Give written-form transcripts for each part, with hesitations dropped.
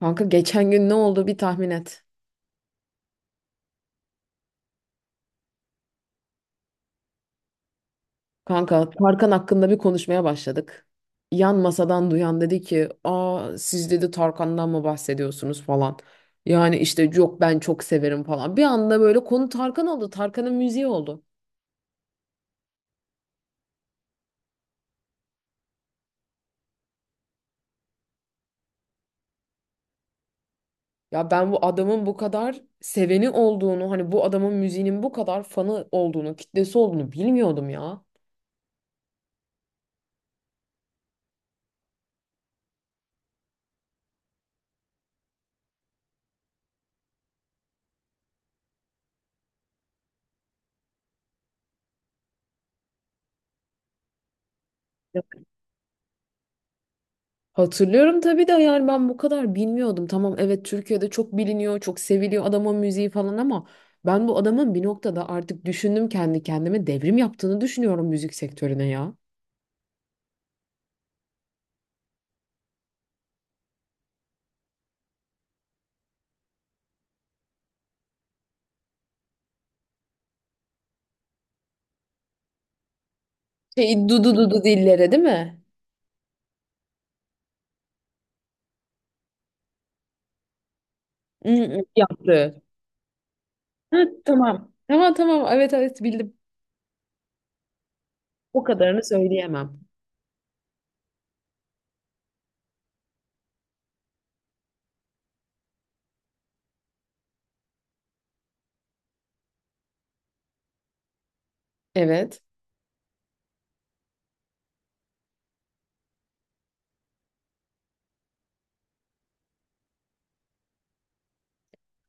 Kanka geçen gün ne oldu bir tahmin et. Kanka Tarkan hakkında bir konuşmaya başladık. Yan masadan duyan dedi ki, "Aa siz dedi Tarkan'dan mı bahsediyorsunuz falan." Yani işte yok ben çok severim falan. Bir anda böyle konu Tarkan oldu. Tarkan'ın müziği oldu. Ya ben bu adamın bu kadar seveni olduğunu, hani bu adamın müziğinin bu kadar fanı olduğunu, kitlesi olduğunu bilmiyordum ya. Hatırlıyorum tabii de yani ben bu kadar bilmiyordum. Tamam evet Türkiye'de çok biliniyor, çok seviliyor adamın müziği falan ama ben bu adamın bir noktada artık düşündüm kendi kendime devrim yaptığını düşünüyorum müzik sektörüne ya. Şey dudu dudu dillere değil mi? Hı hı, yaptı. Ha, tamam. Tamam tamam, evet evet, bildim. O kadarını söyleyemem. Evet.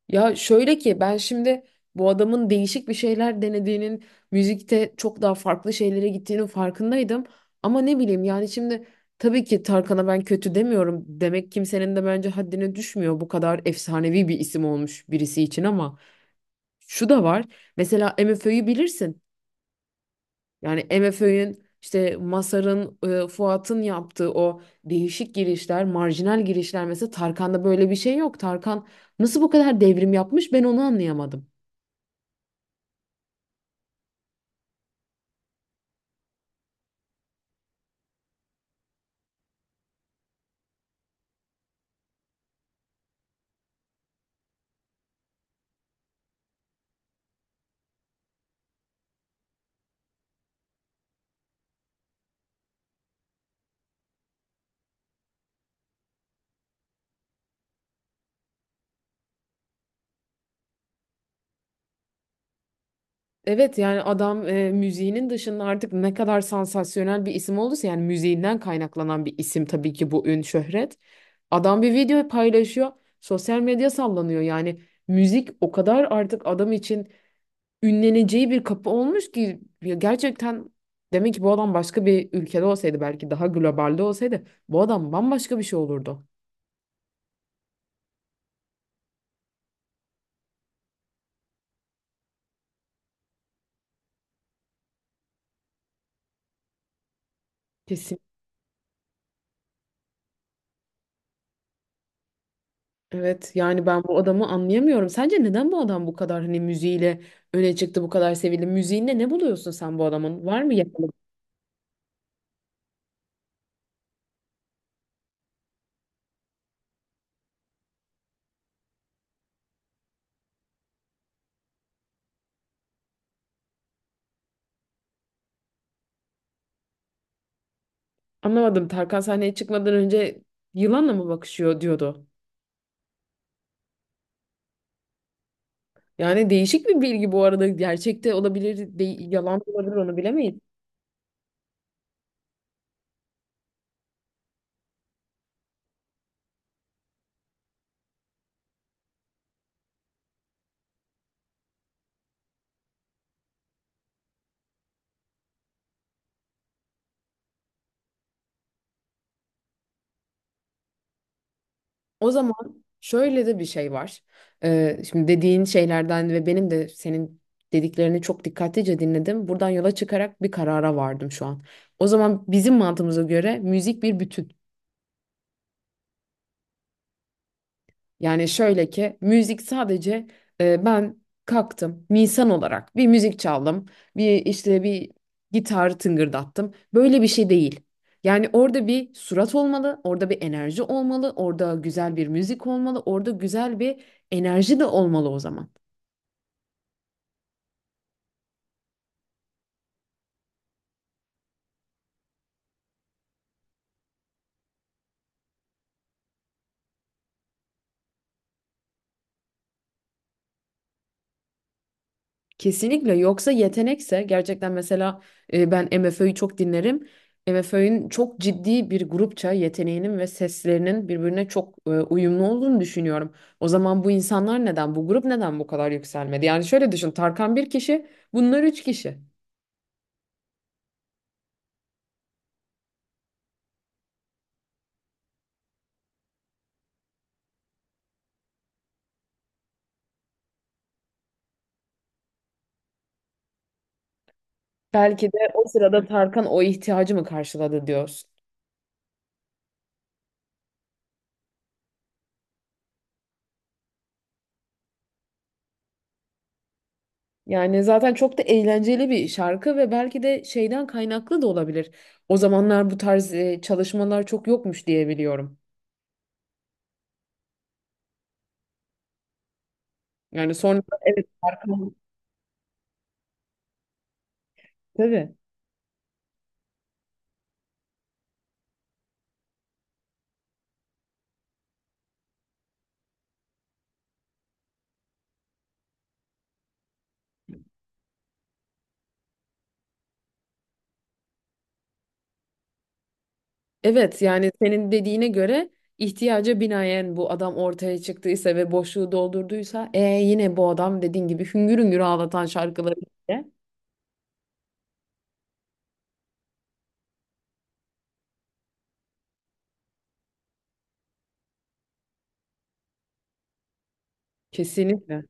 Ya şöyle ki ben şimdi bu adamın değişik bir şeyler denediğinin, müzikte çok daha farklı şeylere gittiğinin farkındaydım. Ama ne bileyim yani şimdi tabii ki Tarkan'a ben kötü demiyorum. Demek kimsenin de bence haddine düşmüyor bu kadar efsanevi bir isim olmuş birisi için ama şu da var. Mesela MFÖ'yü bilirsin. Yani MFÖ'nün işte Masar'ın, Fuat'ın yaptığı o değişik girişler, marjinal girişler mesela Tarkan'da böyle bir şey yok. Tarkan nasıl bu kadar devrim yapmış ben onu anlayamadım. Evet yani adam müziğinin dışında artık ne kadar sansasyonel bir isim olduysa yani müziğinden kaynaklanan bir isim tabii ki bu ün şöhret. Adam bir video paylaşıyor. Sosyal medya sallanıyor. Yani müzik o kadar artık adam için ünleneceği bir kapı olmuş ki ya gerçekten demek ki bu adam başka bir ülkede olsaydı belki daha globalde olsaydı bu adam bambaşka bir şey olurdu. Evet yani ben bu adamı anlayamıyorum. Sence neden bu adam bu kadar hani müziğiyle öne çıktı, bu kadar sevildi? Müziğinde ne buluyorsun sen bu adamın? Var mı yakınlık? Anlamadım. Tarkan sahneye çıkmadan önce yılanla mı bakışıyor diyordu. Yani değişik bir bilgi bu arada. Gerçekte olabilir, yalan da olabilir onu bilemeyiz. O zaman şöyle de bir şey var. Şimdi dediğin şeylerden ve benim de senin dediklerini çok dikkatlice dinledim. Buradan yola çıkarak bir karara vardım şu an. O zaman bizim mantığımıza göre müzik bir bütün. Yani şöyle ki müzik sadece ben kalktım bir insan olarak bir müzik çaldım, bir işte bir gitar tıngırdattım, böyle bir şey değil. Yani orada bir surat olmalı, orada bir enerji olmalı, orada güzel bir müzik olmalı, orada güzel bir enerji de olmalı o zaman. Kesinlikle, yoksa yetenekse gerçekten mesela ben MFÖ'yü çok dinlerim. MFÖ'nün çok ciddi bir grupça yeteneğinin ve seslerinin birbirine çok uyumlu olduğunu düşünüyorum. O zaman bu insanlar neden, bu grup neden bu kadar yükselmedi? Yani şöyle düşün, Tarkan bir kişi, bunlar üç kişi. Belki de o sırada Tarkan o ihtiyacı mı karşıladı diyorsun. Yani zaten çok da eğlenceli bir şarkı ve belki de şeyden kaynaklı da olabilir. O zamanlar bu tarz çalışmalar çok yokmuş diye biliyorum. Yani sonra evet arkamı tabii. Evet yani senin dediğine göre ihtiyaca binaen bu adam ortaya çıktıysa ve boşluğu doldurduysa yine bu adam dediğin gibi hüngür hüngür ağlatan şarkıları ile- kesinlikle.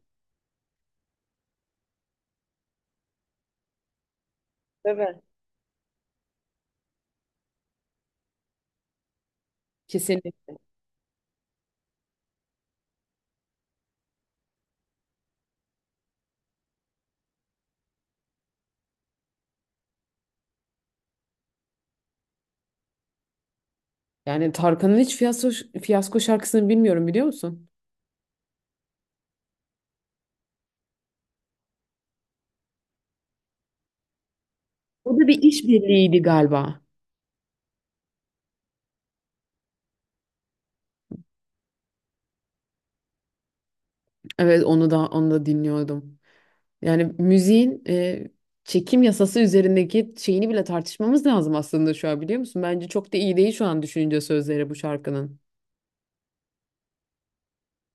Tabii. Kesinlikle. Yani Tarkan'ın hiç fiyasko, şarkısını bilmiyorum biliyor musun? O da bir işbirliğiydi galiba. Evet onu da dinliyordum. Yani müziğin çekim yasası üzerindeki şeyini bile tartışmamız lazım aslında şu an biliyor musun? Bence çok da iyi değil şu an düşününce sözleri bu şarkının.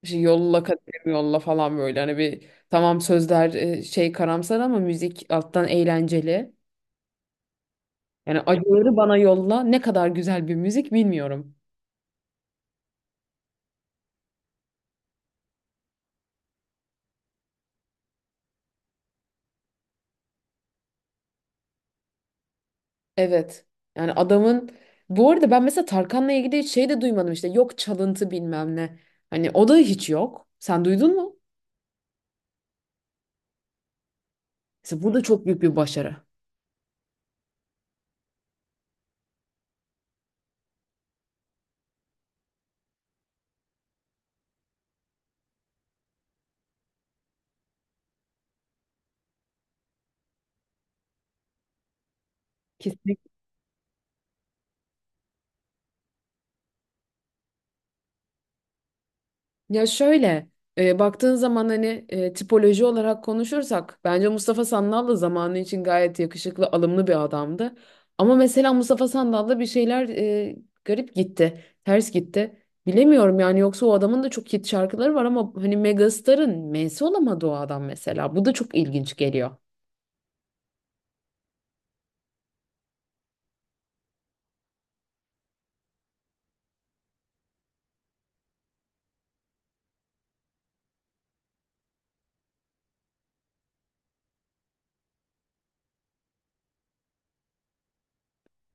İşte yolla kaderim yolla falan, böyle hani bir tamam sözler şey karamsar ama müzik alttan eğlenceli. Yani acıları bana yolla ne kadar güzel bir müzik bilmiyorum. Evet. Yani adamın, bu arada ben mesela Tarkan'la ilgili hiç şey de duymadım, işte yok çalıntı bilmem ne. Hani o da hiç yok. Sen duydun mu? Mesela bu da çok büyük bir başarı. Kesinlikle. Ya şöyle baktığın zaman hani tipoloji olarak konuşursak bence Mustafa Sandal da zamanı için gayet yakışıklı, alımlı bir adamdı. Ama mesela Mustafa Sandal'da bir şeyler garip gitti, ters gitti. Bilemiyorum yani, yoksa o adamın da çok hit şarkıları var ama hani Megastar'ın M'si olamadı o adam mesela. Bu da çok ilginç geliyor.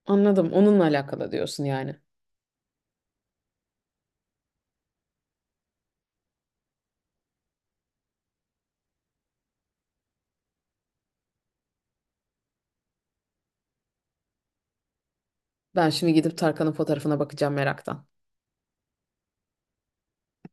Anladım. Onunla alakalı diyorsun yani. Ben şimdi gidip Tarkan'ın fotoğrafına bakacağım meraktan.